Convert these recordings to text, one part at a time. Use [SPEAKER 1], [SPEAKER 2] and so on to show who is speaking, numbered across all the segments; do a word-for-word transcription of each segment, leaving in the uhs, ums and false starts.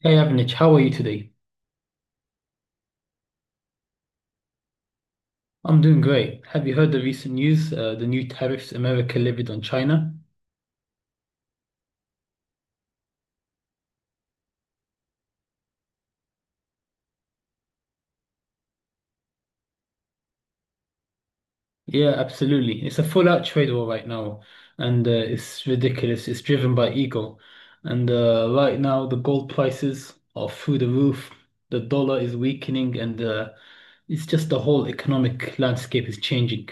[SPEAKER 1] Hey Avnich, how are you today? I'm doing great. Have you heard the recent news? Uh, the new tariffs America levied on China? Yeah, absolutely. It's a full-out trade war right now, and uh, it's ridiculous. It's driven by ego. And uh, right now, the gold prices are through the roof. The dollar is weakening, and uh, it's just the whole economic landscape is changing.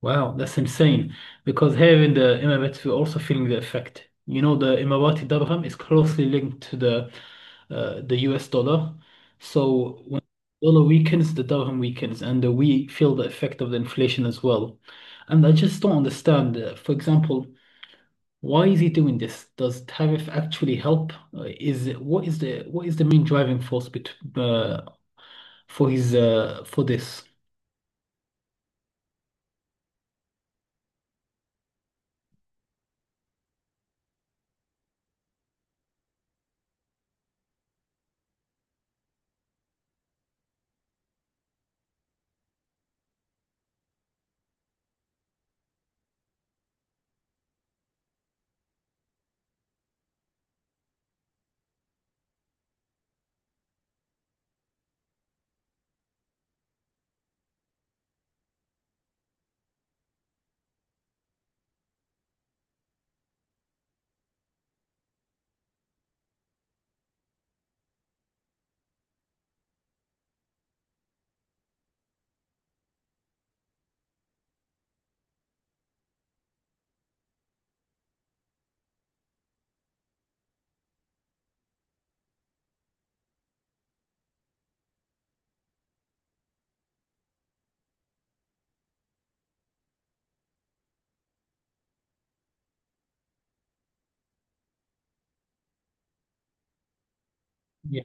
[SPEAKER 1] Wow, that's insane. Because here in the Emirates, we're also feeling the effect. You know, the Emirati dirham is closely linked to the uh, the U S dollar. So when dollar weakens, the dirham weakens, and uh, we feel the effect of the inflation as well. And I just don't understand. Uh, for example, why is he doing this? Does tariff actually help? Uh, is it- what is the what is the main driving force bet uh, for his uh, for this? Yeah.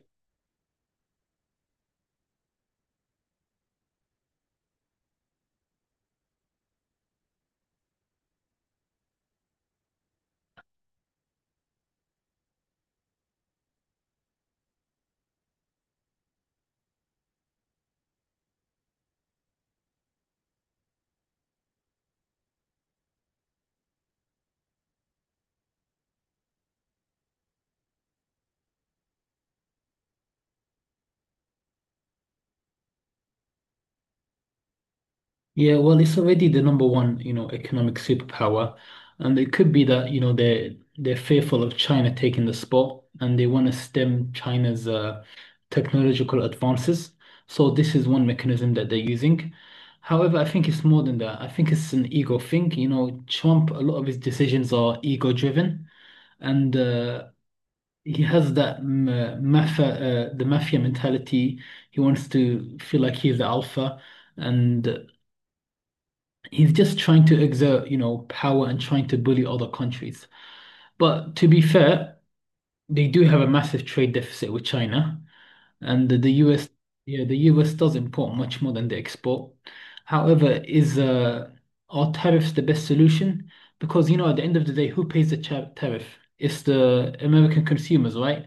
[SPEAKER 1] Yeah, well, it's already the number one, you know, economic superpower, and it could be that, you know, they're they're fearful of China taking the spot, and they want to stem China's uh, technological advances. So this is one mechanism that they're using. However, I think it's more than that. I think it's an ego thing. You know, Trump, a lot of his decisions are ego-driven, and uh, he has that um, uh, mafia, uh, the mafia mentality. He wants to feel like he's the alpha. And he's just trying to exert, you know, power and trying to bully other countries. But to be fair, they do have a massive trade deficit with China, and the, the U S, yeah, the U S does import much more than they export. However, is uh, Are tariffs the best solution? Because you know, at the end of the day, who pays the cha- tariff? It's the American consumers, right?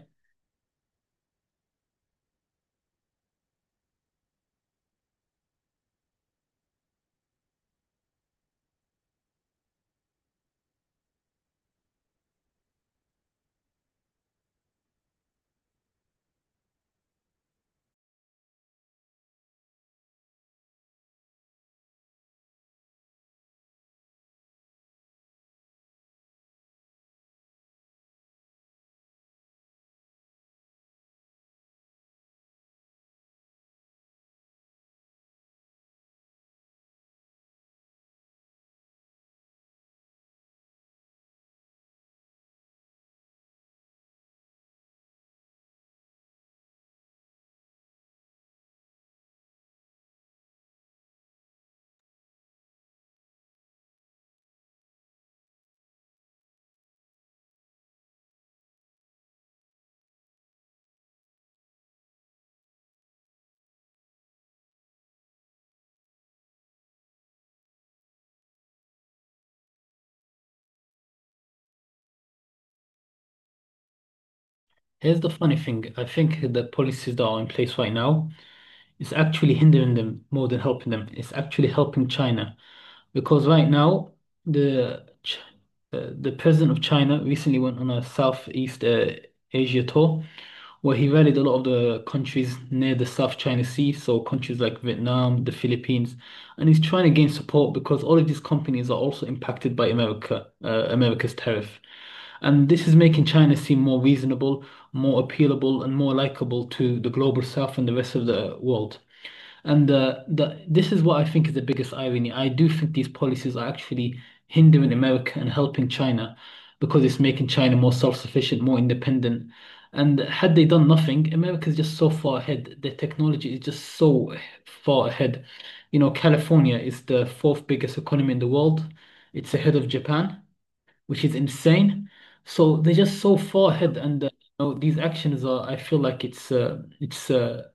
[SPEAKER 1] Here's the funny thing. I think the policies that are in place right now is actually hindering them more than helping them. It's actually helping China. Because right now, the Ch- uh, the president of China recently went on a Southeast uh, Asia tour where he rallied a lot of the countries near the South China Sea, so countries like Vietnam, the Philippines, and he's trying to gain support because all of these companies are also impacted by America, uh, America's tariff. And this is making China seem more reasonable, more appealable, and more likable to the global south and the rest of the world. And uh, the, this is what I think is the biggest irony. I do think these policies are actually hindering America and helping China because it's making China more self-sufficient, more independent. And had they done nothing, America is just so far ahead. Their technology is just so far ahead. You know, California is the fourth biggest economy in the world. It's ahead of Japan, which is insane. So they're just so far ahead, and uh, you know, these actions are. I feel like it's uh, it's uh,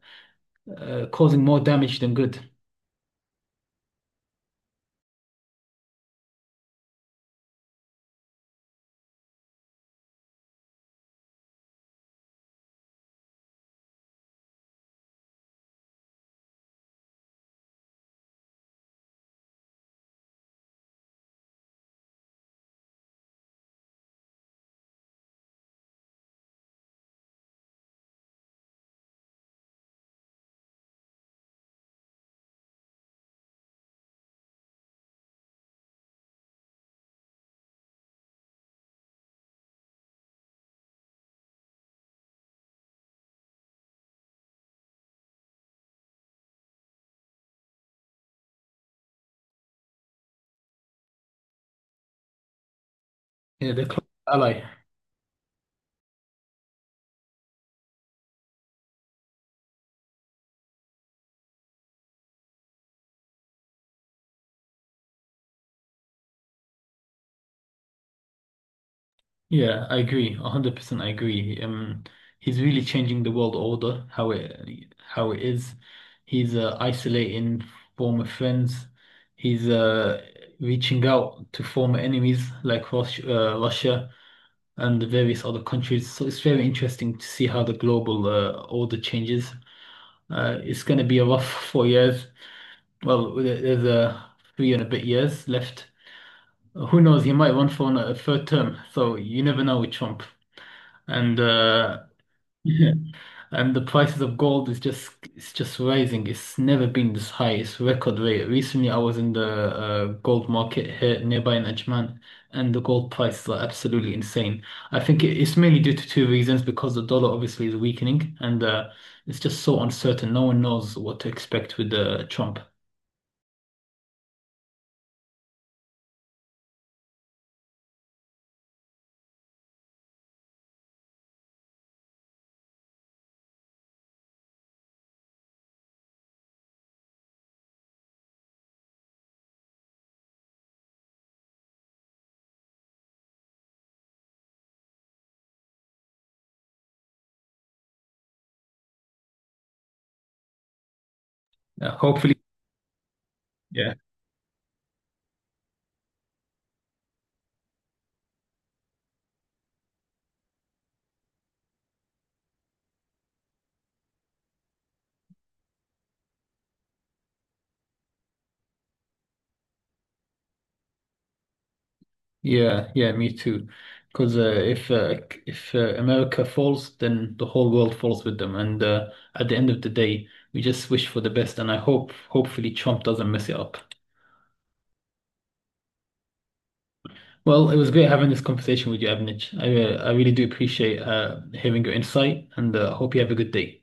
[SPEAKER 1] uh, causing more damage than good. Yeah, the close ally. Yeah, I agree. one hundred percent I agree. Um, he's really changing the world order, how it how it is. He's uh, isolating former friends. He's uh, reaching out to former enemies like Rus uh, Russia and the various other countries. So it's very interesting to see how the global uh, order changes. Uh, it's going to be a rough four years. Well, there- there's uh, three and a bit years left. Who knows? He might run for an- a third term, so you never know with Trump. And uh, and the prices of gold is just it's just rising. It's never been this high. It's record rate. Recently, I was in the uh, gold market here nearby in Ajman, and the gold prices are absolutely insane. I think it- it's mainly due to two reasons, because the dollar obviously is weakening, and uh, it's just so uncertain. No one knows what to expect with uh, Trump. Uh, hopefully. Yeah. Yeah, yeah, me too. Because uh, if uh, c- if uh, America falls, then the whole world falls with them. And uh, at the end of the day, we just wish for the best. And I hope, hopefully, Trump doesn't mess it up. Well, it was great having this conversation with you, Avnich. I uh, I really do appreciate uh, hearing your insight, and uh, hope you have a good day.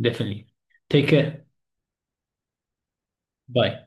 [SPEAKER 1] Definitely. Take care. Bye.